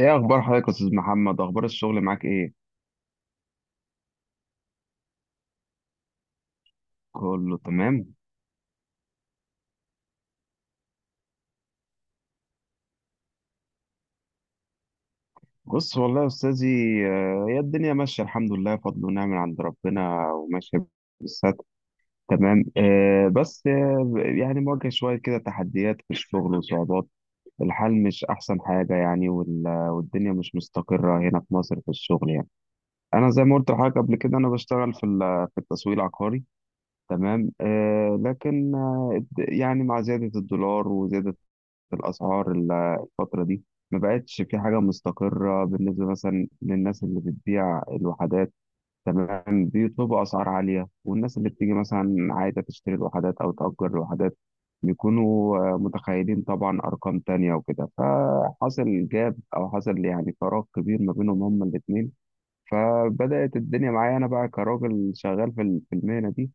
ايه اخبار حضرتك يا استاذ محمد؟ اخبار الشغل معاك ايه؟ كله تمام؟ بص والله يا استاذي، هي الدنيا ماشيه، الحمد لله، فضل ونعم من عند ربنا، وماشيه بالستر. تمام. بس، يعني مواجه شويه كده تحديات في الشغل وصعوبات. الحال مش احسن حاجه يعني، والدنيا مش مستقره هنا في مصر في الشغل يعني. انا زي ما قلت لحضرتك قبل كده، انا بشتغل في التسويق العقاري. تمام. لكن يعني مع زياده الدولار وزياده في الأسعار الفترة دي، ما بقتش في حاجة مستقرة بالنسبة مثلا للناس اللي بتبيع الوحدات. تمام. بيطلبوا أسعار عالية، والناس اللي بتيجي مثلا عايزة تشتري الوحدات أو تأجر الوحدات بيكونوا متخيلين طبعا أرقام تانية، وكده فحصل جاب أو حصل يعني فراغ كبير ما بينهم هما الاتنين. فبدأت الدنيا معايا أنا بقى كراجل شغال في المهنة دي.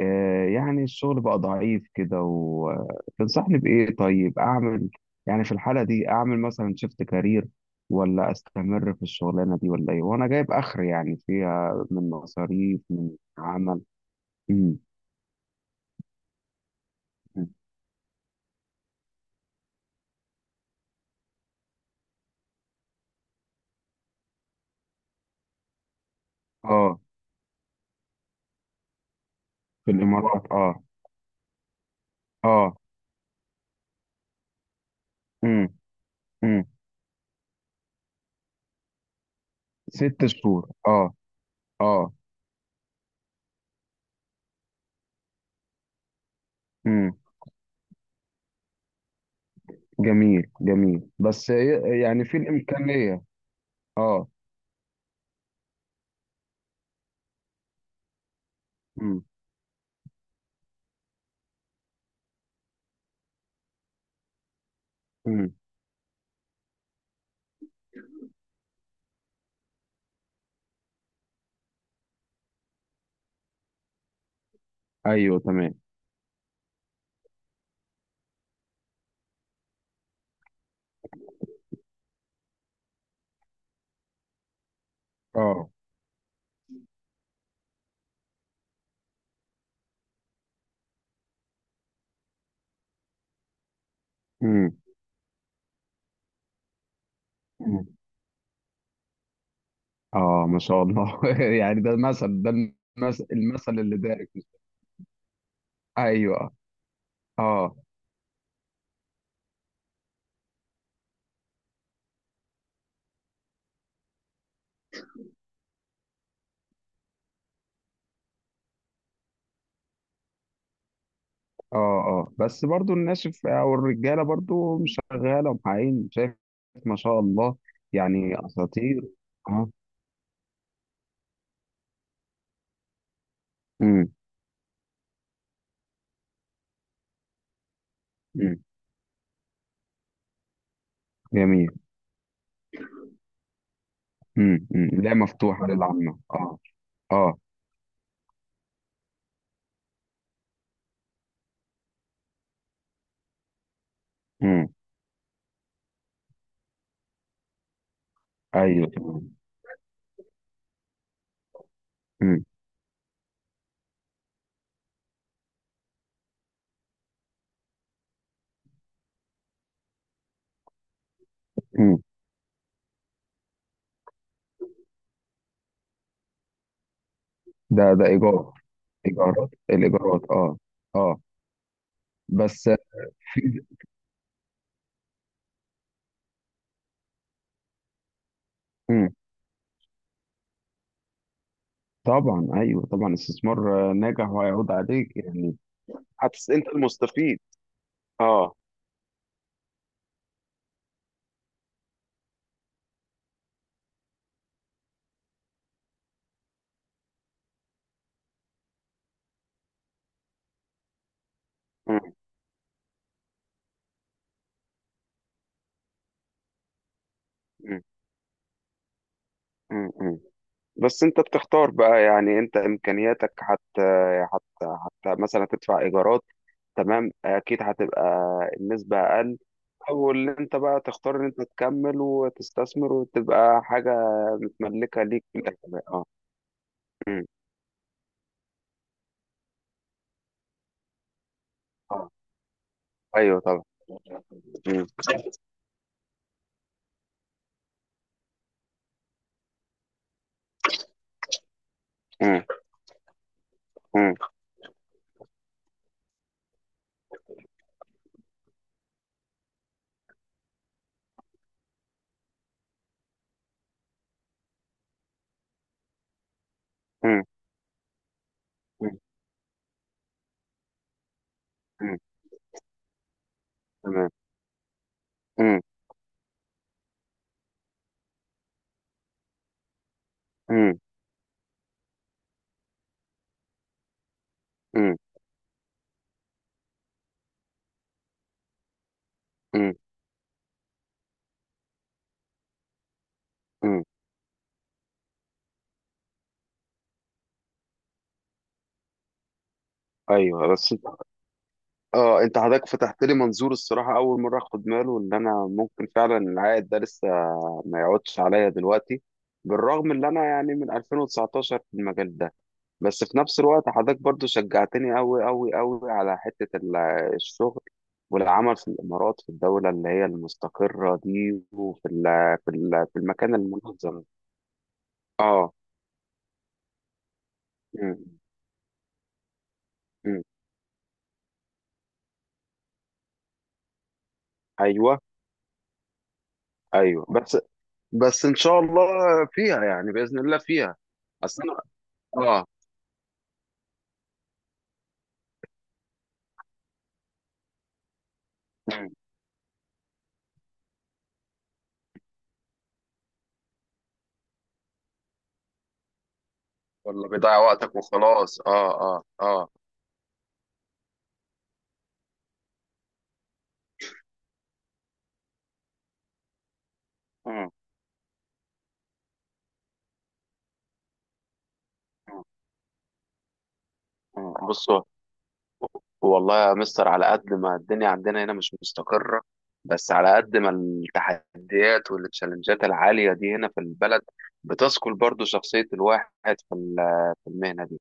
يعني الشغل بقى ضعيف كده. وتنصحني بإيه طيب أعمل؟ يعني في الحالة دي أعمل مثلا شيفت كارير، ولا أستمر في الشغلانة دي ولا إيه؟ وأنا جايب آخر يعني فيها من مصاريف من عمل. امم. آه. في الإمارات، آه. آه. امم، امم. 6 شهور، آه. آه. امم. جميل، جميل. بس يعني في الإمكانية. آه. امم، امم. أيوه، تمام. آه. امم. اه ما شاء الله يعني ده المثل، ده المثل اللي دارك. ايوه. اه. اه. اه، بس برضو الناشف او الرجاله برضو مش شغاله ومحققين، شايف؟ ما شاء الله، يعني اساطير. اه. امم، امم. جميل. امم، امم. لا، مفتوحه للعامه، اه. اه. امم. ايوه. امم، امم. ده ايجار؟ ايجارات، الايجارات، اه. اه، بس في. امم. طبعا، ايوه، طبعا استثمار ناجح وهيعود عليك يعني. انت المستفيد. اه. مم. مم. مم. مم. بس انت بتختار بقى يعني، انت امكانياتك حتى، حتى مثلا تدفع ايجارات، تمام، اكيد هتبقى النسبة اقل. او اللي انت بقى تختار ان انت تكمل وتستثمر وتبقى حاجة متملكة ليك في الاخر، اه. مم. اه، ايوه، طبعا. مم. مم. مم. مم. مم. مم. تمام. مم. مم. مم. مم. مم. ايوه، بس اه، انت حضرتك فتحت لي منظور الصراحه، اول مره اخد باله ان انا ممكن فعلا العائد ده لسه ما يقعدش عليا دلوقتي، بالرغم ان انا يعني من 2019 في المجال ده. بس في نفس الوقت حضرتك برضو شجعتني أوي أوي أوي على حتة الشغل، والعمل في الإمارات في الدولة اللي هي المستقرة دي، وفي ال في ال في المكان المنظم. اه. م- م. ايوه. ايوه، بس ان شاء الله فيها، يعني باذن الله فيها. اصل انا، اه. إمم. ولا بيضيع وقتك وخلاص، اه. اه. اه. مم. مم. مم. بصوا، والله يا مستر، على قد ما الدنيا عندنا هنا مش مستقرة، بس على قد ما التحديات والتشالنجات العالية دي هنا في البلد، بتثقل برضو شخصية الواحد في المهنة دي.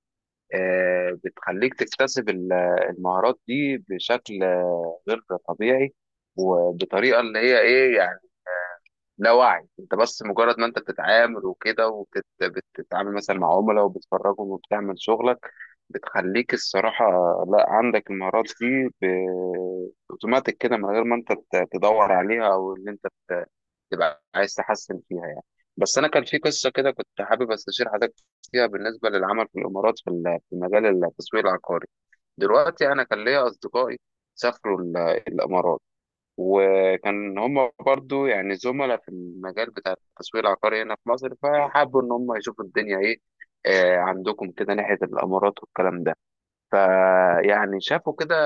بتخليك تكتسب المهارات دي بشكل غير طبيعي، وبطريقة اللي هي ايه. لا وعي، انت بس مجرد ما انت بتتعامل وكده، وبتتعامل مثلا مع عملاء وبتفرجهم وبتعمل شغلك، بتخليك الصراحة لا عندك المهارات دي اوتوماتيك كده، من غير ما انت تدور عليها او ان انت تبقى عايز تحسن فيها يعني. بس انا كان في قصة كده كنت حابب استشير حضرتك فيها بالنسبة للعمل في الامارات في مجال التسويق العقاري. دلوقتي انا كان ليا اصدقائي سافروا الامارات، وكان هم برضو يعني زملاء في المجال بتاع التسويق العقاري هنا في مصر، فحبوا ان هم يشوفوا الدنيا ايه عندكم كده ناحية الامارات والكلام ده. فيعني شافوا كده،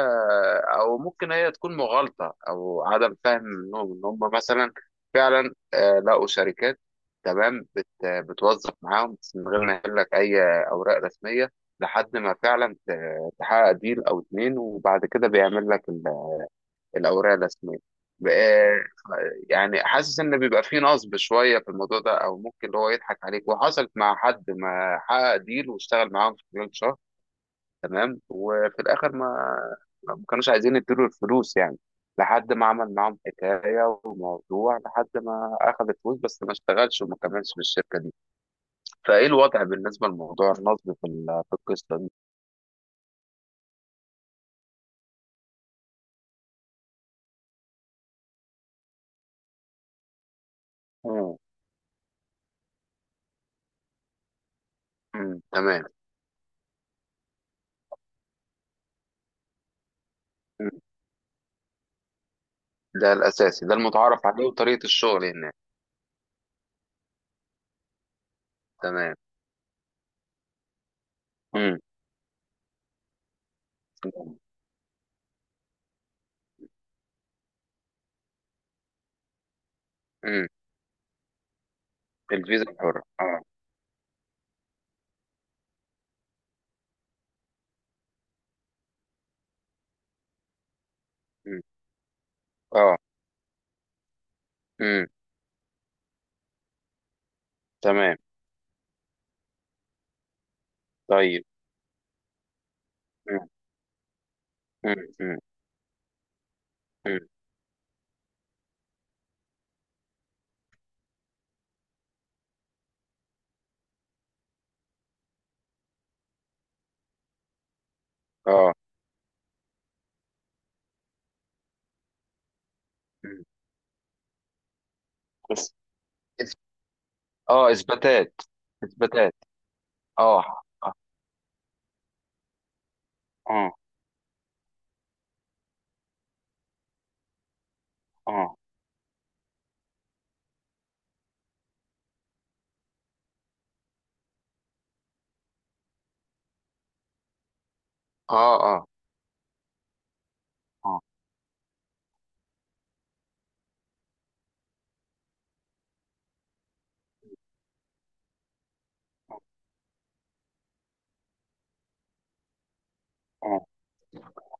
او ممكن هي تكون مغالطة او عدم فهم منهم، ان هم مثلا فعلا لقوا شركات، تمام، بتوظف معاهم بس من غير ما يقول لك اي اوراق رسمية، لحد ما فعلا تحقق ديل او اتنين، وبعد كده بيعمل لك الأوراق الرسمية. ب- آه، يعني حاسس إن بيبقى فيه نصب شوية في الموضوع ده، أو ممكن اللي هو يضحك عليك. وحصلت مع حد ما حقق ديل واشتغل معاهم في خلال شهر، تمام، وفي الآخر ما كانوش عايزين يديله الفلوس يعني، لحد ما عمل معاهم حكاية وموضوع، لحد ما أخذ الفلوس بس ما اشتغلش وما كملش في الشركة دي. فإيه الوضع بالنسبة لموضوع النصب في القصة دي؟ مم. مم. تمام. مم. ده الأساسي، ده المتعارف عليه، وطريقة الشغل هناك. تمام. مم. امم. الفيزا الحرة، اه. امم. اه. امم. تمام. طيب. امم. امم. امم. اه. امم. بس إث- اه، اثباتات، اثباتات. اه. اه. اه. اه. اه. اه. اه. آه.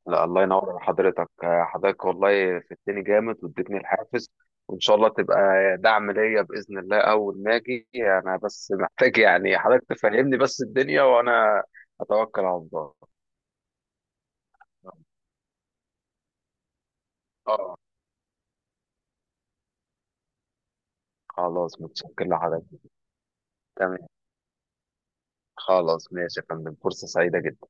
لا، الله ينور على حضرتك، حضرتك والله فدتني جامد، واديتني الحافز، وان شاء الله تبقى دعم ليا باذن الله. اول ما اجي انا بس محتاج يعني حضرتك تفهمني بس الدنيا، وانا اتوكل على الله. اه. خلاص، متشكر لحضرتك. تمام. خلاص، ماشي يا فندم. فرصة سعيدة جدا.